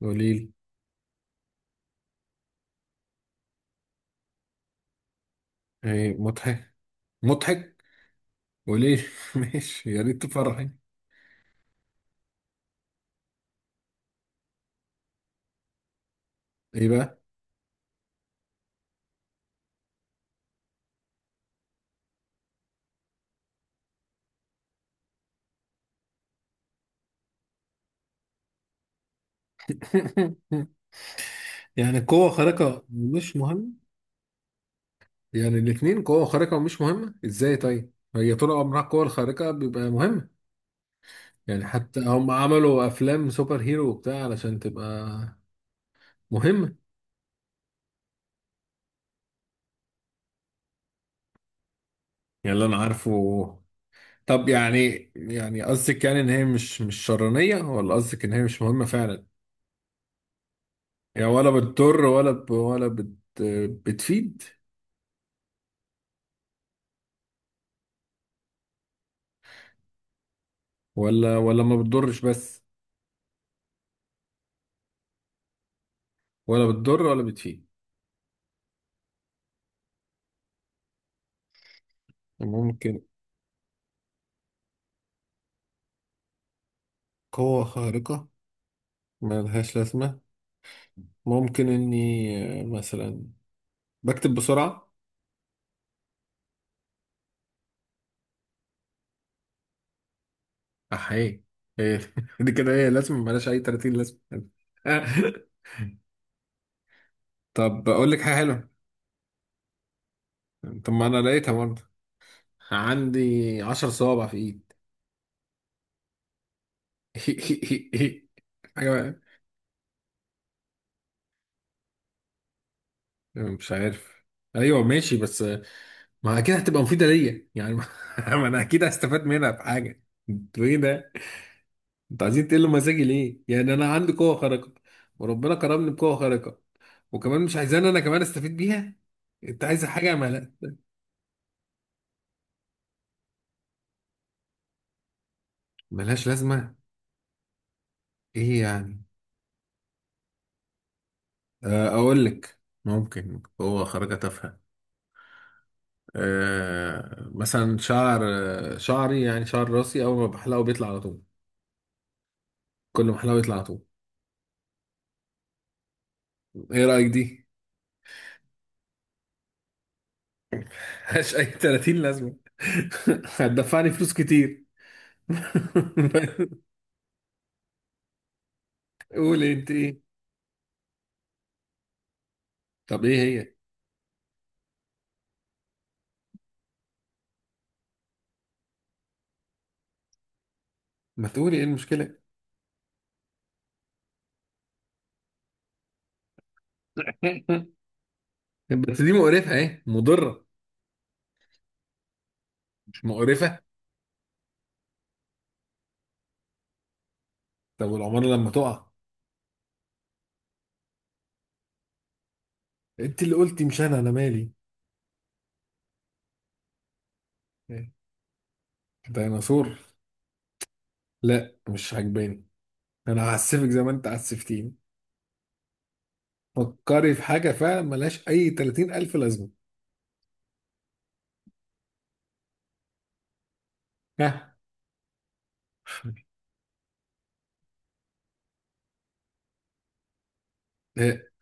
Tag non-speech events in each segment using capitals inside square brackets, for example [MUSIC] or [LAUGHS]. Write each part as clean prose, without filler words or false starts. قوليلي. ايه مضحك قوليلي [LAUGHS] ماشي، يا ريت تفرحي. ايه بقى؟ [LAUGHS] يعني قوة خارقة مش مهمة؟ يعني الاتنين، قوة خارقة ومش مهمة، ازاي؟ طيب هي طول عمرها القوة الخارقة بيبقى مهمة، يعني حتى هم عملوا افلام سوبر هيرو وبتاع علشان تبقى مهمة. يعني اللي انا عارفه. طب يعني يعني قصدك يعني ان هي مش شرانية، ولا قصدك ان هي مش مهمة فعلا؟ يعني ولا بتضر ولا ولا بتفيد؟ ولا ما بتضرش، بس ولا بتضر ولا بتفيد. ممكن قوة خارقة ملهاش لازمة. ممكن إني مثلا بكتب بسرعة. أحيي. إيه [LAUGHS] دي كده هي لازمة، ملهاش أي 30 لازمة [LAUGHS] طب أقول لك حاجة حلوة. طب ما أنا لقيتها برضه. عندي 10 صوابع في إيد [LAUGHS] حاجة بقى، مش عارف. أيوه ماشي، بس ما أكيد هتبقى مفيدة ليا يعني [LAUGHS] ما أنا أكيد هستفاد منها بحاجة. أنتوا إيه ده؟ انتوا عايزين تقلوا مزاجي ليه؟ يعني انا عندي قوة خارقة، وربنا كرمني بقوة خارقة، وكمان مش عايزان انا كمان استفيد بيها؟ انت عايز حاجة ملهاش لازمة؟ ايه يعني؟ اقول لك. ممكن قوة خارقة تافهة. أه مثلا شعر، شعري، يعني شعر راسي، اول ما بحلقه بيطلع على طول، كل ما احلقه يطلع على طول. ايه رأيك دي؟ ملهاش اي 30 لازمة [LAUGHS] هتدفعني فلوس كتير [LAUGHS] قولي انت ايه؟ طب ايه هي؟ ما تقولي ايه المشكلة؟ [LAUGHS] بس دي مقرفه، اهي مضره. مش مقرفه. طب والعماره لما تقع؟ انت اللي قلتي مش انا، انا مالي. إيه؟ ديناصور؟ لا مش عجباني. انا هعسفك زي ما انت عسفتيني. فكري في حاجه فعلا ملهاش اي 30 الف لازمه. ها؟ إيه.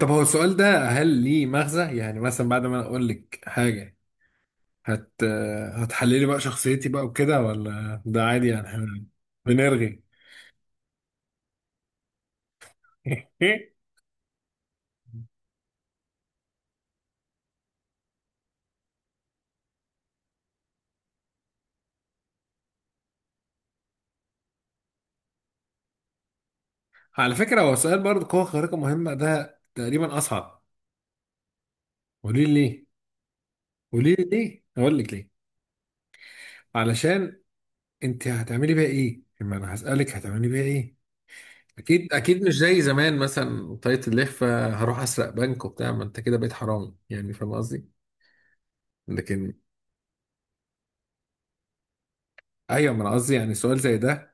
طب هو السؤال ده هل ليه مغزى؟ يعني مثلا بعد ما انا اقول لك حاجه، هت هتحللي بقى شخصيتي بقى وكده، ولا ده عادي، يعني إحنا بنرغي [LAUGHS] على فكرة هو سؤال برضه قوة خارقة مهمة ده تقريبا أصعب. قولي لي ليه؟ قولي لي ليه؟ أقول لك ليه؟ علشان أنت هتعملي بيها إيه؟ لما أنا هسألك، هتعملي بيها إيه؟ أكيد أكيد مش زي زمان، مثلا طاقية اللخفة هروح أسرق بنك وبتاع، ما أنت كده بقيت حرامي، يعني فاهم قصدي؟ لكن أيوه، ما أنا قصدي يعني سؤال زي ده.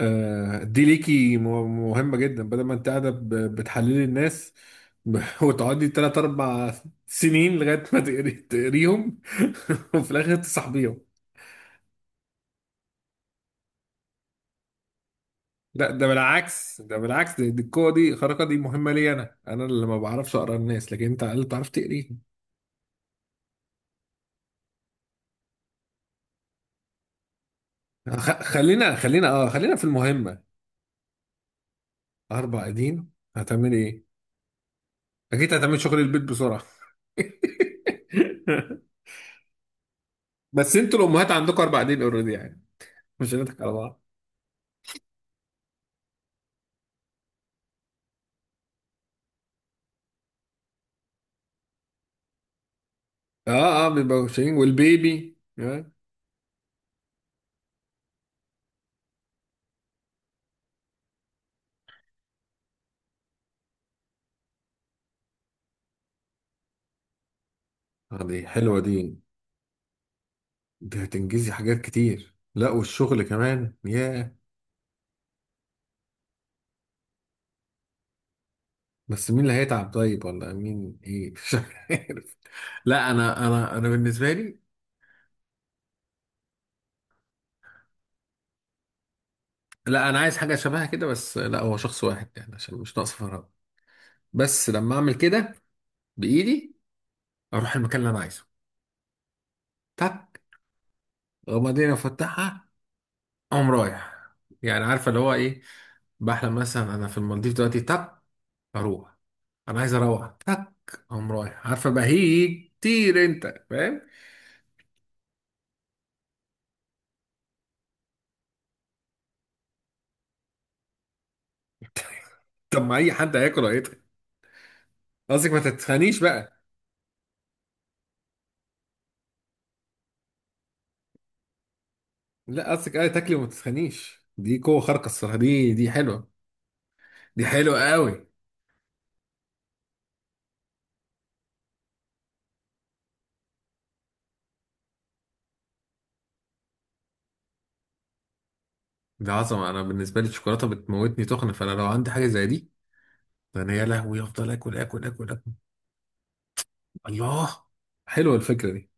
دي ليكي مهمة جدا، بدل ما انت قاعدة بتحللي الناس [LAUGHS] وتقعدي تلات أربع سنين لغاية ما تقريهم [LAUGHS] وفي الآخر تصاحبيهم. لا، ده بالعكس، ده بالعكس، دي القوة الخارقة دي مهمة لي أنا، أنا اللي ما بعرفش أقرأ الناس، لكن أنت على الأقل بتعرف تقريهم. خلينا أه خلينا في المهمة. أربع أيدين، هتعملي إيه؟ أكيد هتعملي شغل البيت بسرعة [LAUGHS] بس أنتوا الأمهات عندكم أربع أيدين أوريدي يعني، مش هنضحك على بعض. اه اه، بيبقى مشهورين والبيبي، آه. آه، دي حلوة دي، دي هتنجزي حاجات كتير، لا والشغل كمان، ياه. بس مين اللي هيتعب طيب؟ ولا مين؟ ايه [LAUGHS] مش عارف. لا انا انا بالنسبة لي، لا انا عايز حاجة شبهها كده بس، لا هو شخص واحد يعني عشان مش ناقص فراغ. بس لما اعمل كده بايدي، اروح المكان اللي انا عايزه. تك، وبعدين افتحها، اقوم رايح. يعني عارفة اللي هو ايه، بحلم مثلا انا في المالديف دلوقتي، تك، اروح، انا عايز اروح، تك، قام رايح، عارفه بهيج كتير، انت فاهم؟ [LAUGHS] طب ما اي حد هياكل هيتخن. قصدك ما تتخنيش بقى. لا قصدك ايه؟ تاكلي وما تتخنيش، دي قوه خارقه الصراحه، دي دي حلوه، دي حلوه قوي، دي عظمه. انا بالنسبه لي الشوكولاته بتموتني تخن، فانا لو عندي حاجه زي دي، فانا يا لهوي افضل اكل اكل اكل اكل. الله، حلوه الفكره دي.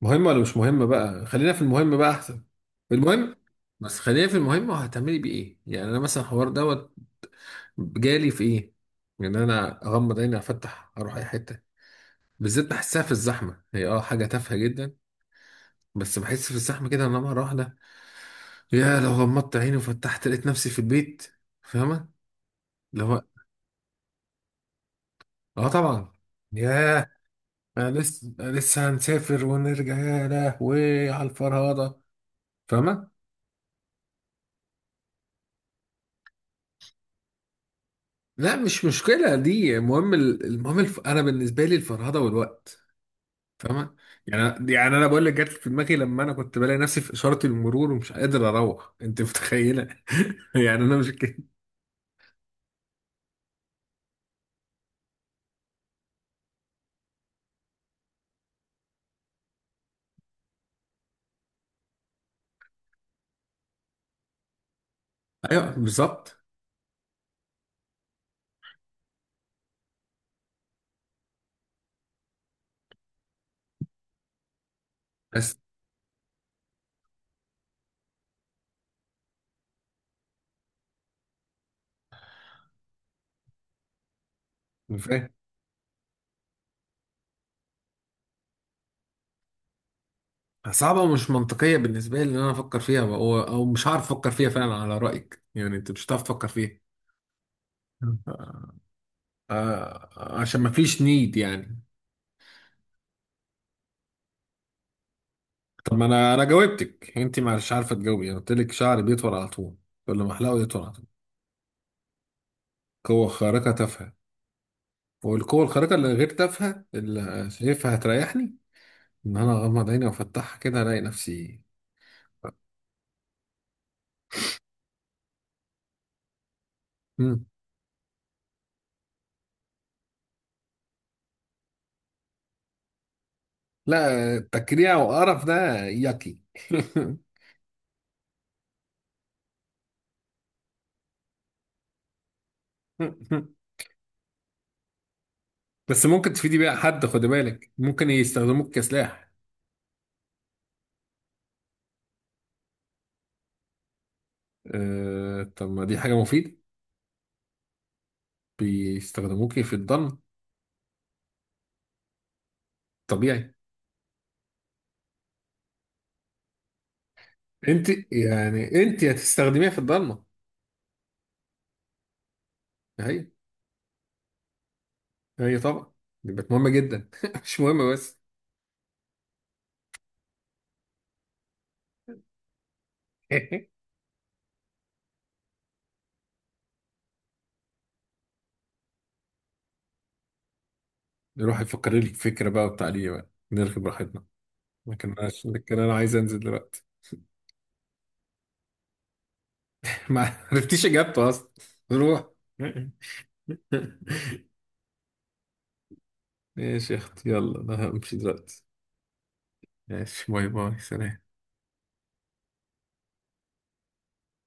مهمه ولا مش مهمه بقى؟ خلينا في المهم بقى احسن. المهم، بس خلينا في المهم، وهتعملي بيه ايه؟ يعني انا مثلا الحوار دوت جالي في ايه، ان انا اغمض عيني افتح اروح اي حته. بالذات بحسها في الزحمه، هي اه حاجه تافهه جدا، بس بحس في الزحمه كده، ان انا مره واحده يا لو غمضت عيني وفتحت لقيت نفسي في البيت، فاهمه؟ اللي هو اه طبعا، ياه. انا لسه، أنا لسه هنسافر ونرجع يا لهوي على الفرهده، فاهمه؟ لا مش مشكله دي، المهم المهم انا بالنسبه لي الفرهده والوقت، فاهمة؟ يعني يعني انا بقول لك جت في دماغي لما انا كنت بلاقي نفسي في اشارة المرور ومش قادر اروح، انت متخيلة؟ [LAUGHS] يعني انا مش كده. ايوه بالظبط. بس أنا فاهم. صعبة ومش منطقية بالنسبة لي ان انا افكر فيها، او مش هعرف افكر فيها فعلا على رأيك، يعني انت مش هتعرف تفكر فيها. آه، آه، عشان ما فيش نيد يعني. طب ما انا، انا جاوبتك انت ما مش عارفة تجاوبي. انا قلت لك شعري بيطول على طول، كل ما احلقه يطول على طول. قوة خارقة تافهة. والقوة الخارقة اللي غير تافهة اللي شايفها هتريحني، إن أنا أغمض عيني وأفتحها كده ألاقي نفسي. مم. لا تكريع وقرف ده يقي [LAUGHS] بس ممكن تفيدي بيها حد، خدي بالك، ممكن يستخدموك كسلاح. أه طب ما دي حاجة مفيدة، بيستخدموكي في الضلمة، طبيعي. أنت يعني أنت هتستخدميها في الضلمة. هي، هي طبعا، دي بقت مهمة جدا [LAUGHS] مش مهمة بس [LAUGHS] نروح يفكر لي في فكرة بقى وبتاع ليه بقى نركب راحتنا، ما كناش كان انا عايز انزل دلوقتي. [LAUGHS] ما عرفتيش اجابته اصلا. روح [LAUGHS] ماشي يا اختي، يلا انا همشي دلوقتي. ماشي، باي باي، سلام.